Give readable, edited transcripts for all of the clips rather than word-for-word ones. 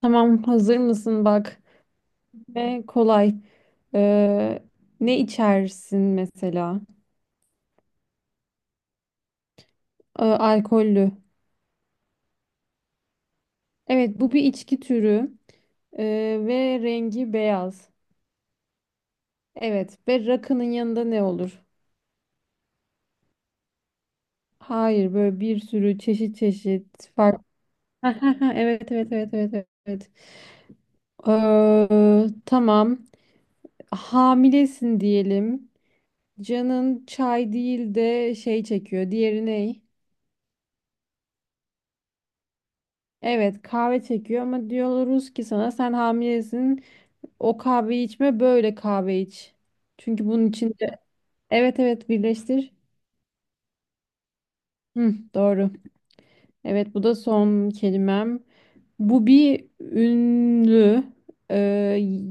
Tamam, hazır mısın? Bak ve kolay. Ee, Ne içersin mesela? Alkollü. Evet, bu bir içki türü. Ve rengi beyaz. Evet, ve rakının yanında ne olur? Hayır, böyle bir sürü çeşit çeşit farklı. Evet, evet, evet, evet, evet, evet. Tamam. Hamilesin diyelim. Canın çay değil de şey çekiyor. Diğeri ne? Evet, kahve çekiyor ama diyoruz ki sana, sen hamilesin, o kahveyi içme, böyle kahve iç. Çünkü bunun içinde evet evet, birleştir. Hı, doğru. Evet, bu da son kelimem. Bu bir ünlü. Ee,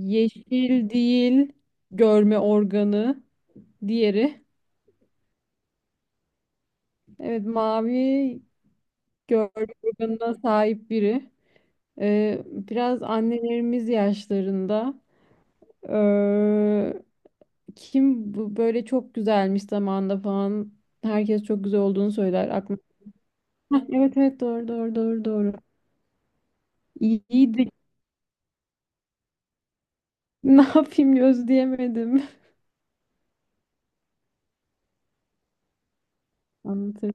Yeşil değil, görme organı diğeri. Evet, mavi görme organına sahip biri. Biraz annelerimiz yaşlarında. Kim bu böyle çok güzelmiş zamanında falan. Herkes çok güzel olduğunu söyler. Aklıma. Hah, evet evet, doğru doğru doğru doğru. İyiydi. Ne yapayım, gözleyemedim. Anlatırım.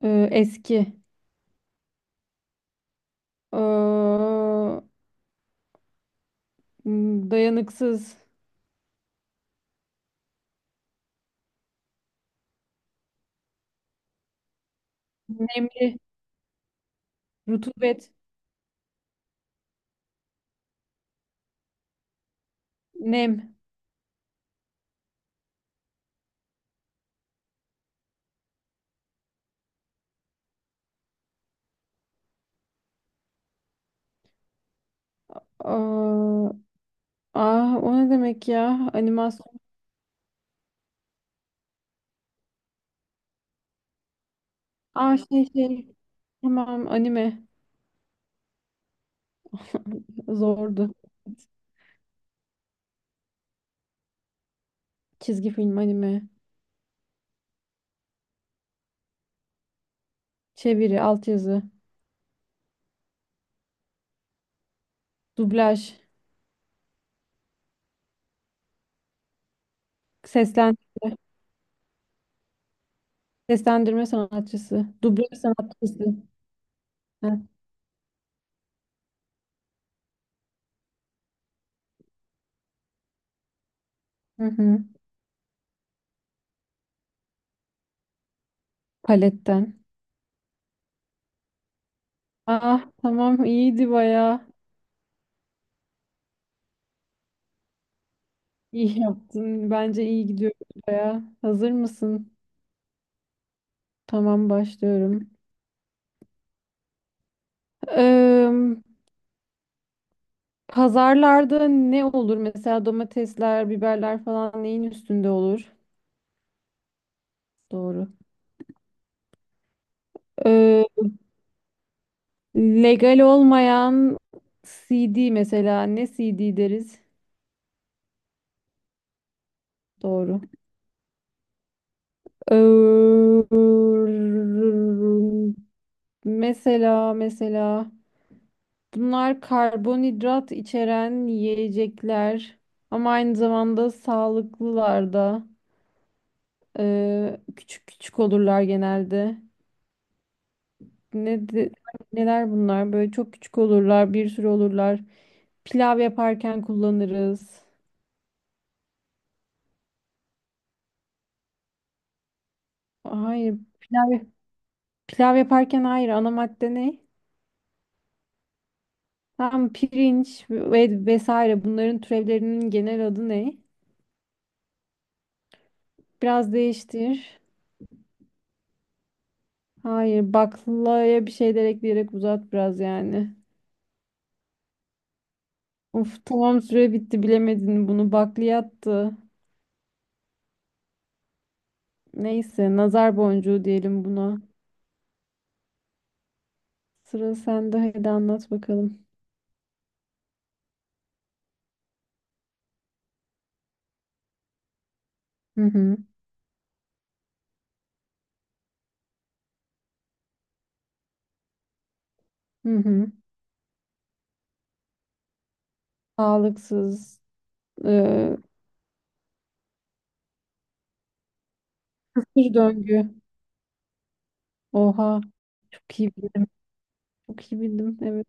Eski. Ee, Dayanıksız. Nemli. Rutubet. Nem. Aa, ah, o ne demek ya? Animasyon. Aa, şey. Tamam, anime. Zordu. Çizgi film, anime. Çeviri, altyazı. Dublaj, seslendirme, seslendirme sanatçısı, dublaj sanatçısı. Heh. Hı hı. Paletten. Ah tamam, iyiydi baya. İyi yaptın. Bence iyi gidiyor baya. Hazır mısın? Tamam, başlıyorum. Eee, Pazarlarda ne olur? Mesela domatesler, biberler falan neyin üstünde olur? Doğru. Eee, Legal olmayan CD, mesela ne CD deriz? Doğru. Eee, mesela bunlar karbonhidrat içeren yiyecekler ama aynı zamanda sağlıklılar da. Küçük küçük olurlar genelde. Ne de- Neler bunlar? Böyle çok küçük olurlar, bir sürü olurlar. Pilav yaparken kullanırız. Hayır, pilav pilav yaparken hayır. Ana madde ne? Tamam, pirinç ve vesaire, bunların türevlerinin genel adı ne? Biraz değiştir. Hayır, baklaya bir şeyler ekleyerek uzat biraz yani. Of tamam, süre bitti, bilemedin bunu. Bakliyattı. Neyse, nazar boncuğu diyelim buna. Sıra sende, hadi anlat bakalım. Hı hı. Hı hı. Sağlıksız. Ee, Bir döngü. Oha. Çok iyi bildim. Çok iyi bildim. Evet.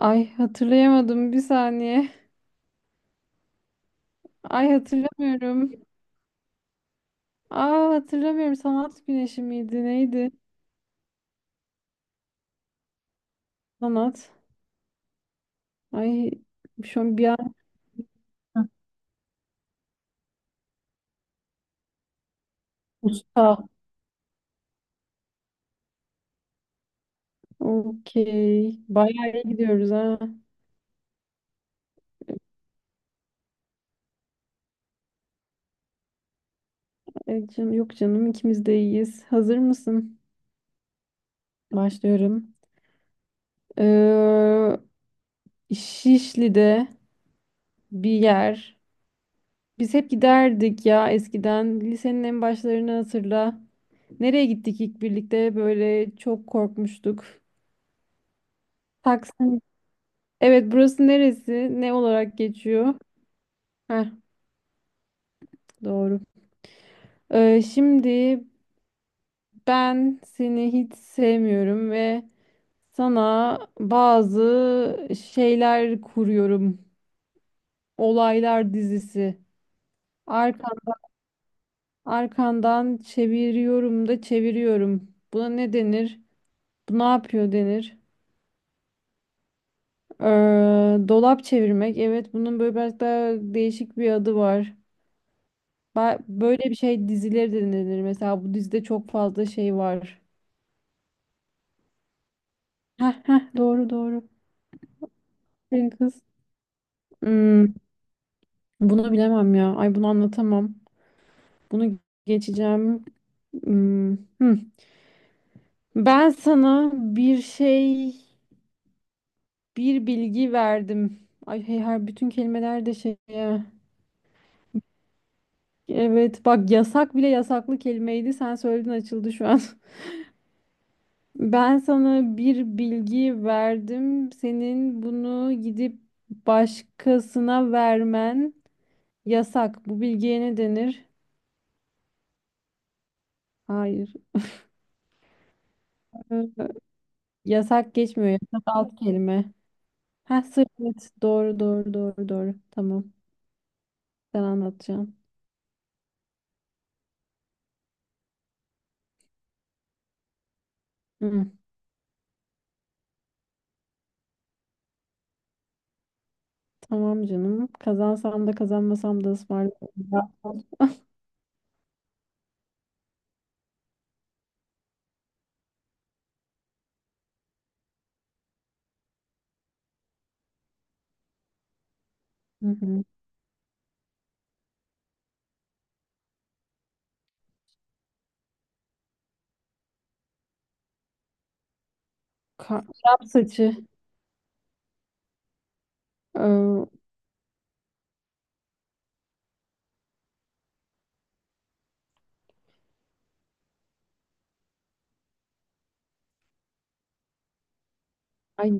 Ay, hatırlayamadım bir saniye. Ay, hatırlamıyorum. Aa, hatırlamıyorum. Sanat güneşi miydi? Neydi? Sanat. Ay, şu an bir an, usta. Okey. Bayağı iyi gidiyoruz ha. Ay yok canım, ikimiz de iyiyiz. Hazır mısın? Başlıyorum. Ee, Şişli'de bir yer. Biz hep giderdik ya eskiden. Lisenin en başlarını hatırla. Nereye gittik ilk birlikte? Böyle çok korkmuştuk. Taksim. Evet, burası neresi? Ne olarak geçiyor? Heh, doğru. Şimdi ben seni hiç sevmiyorum ve sana bazı şeyler kuruyorum. Olaylar dizisi. Arkan, arkandan çeviriyorum da çeviriyorum. Buna ne denir? Bu ne yapıyor denir? Ee, Dolap çevirmek. Evet, bunun böyle biraz daha değişik bir adı var. Böyle bir şey, dizileri de denir. Mesela bu dizide çok fazla şey var. Heh, heh, doğru doğru. Benim kız. Hmm, bunu bilemem ya. Ay, bunu anlatamam. Bunu geçeceğim. Hmm, hmm. Ben sana bir şey, bir bilgi verdim. Ay hey, her bütün kelimeler de şey. E. Evet bak, yasak bile yasaklı kelimeydi. Sen söyledin, açıldı şu an. Ben sana bir bilgi verdim. Senin bunu gidip başkasına vermen yasak. Bu bilgiye ne denir? Hayır. Ee, Yasak geçmiyor. Yasak alt kelime. Ha, sır, evet. Doğru doğru doğru doğru. Tamam. Sen anlatacaksın. Hı, tamam canım. Kazansam da kazanmasam da ısmarlarım. Hı hı. Arap saçı. Ee, ay,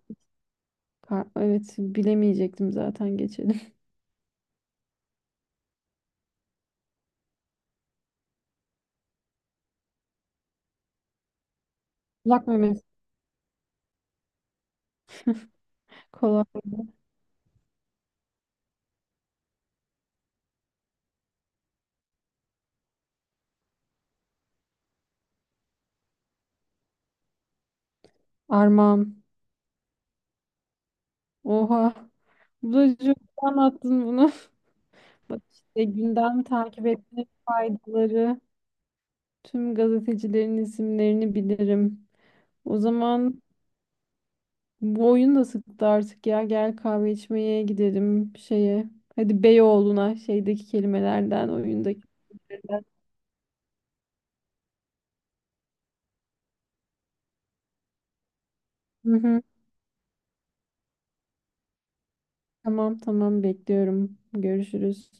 evet, bilemeyecektim zaten, geçelim. Kulak memesi. Kolak. Armağan. Oha. Bu Bulacığım, anlattın bunu. Bak işte, gündem takip etmenin faydaları. Tüm gazetecilerin isimlerini bilirim. O zaman bu oyun da sıktı artık ya. Gel kahve içmeye gidelim şeye. Hadi Beyoğlu'na, şeydeki kelimelerden, oyundaki kelimelerden. Hı hı. Tamam tamam, bekliyorum. Görüşürüz.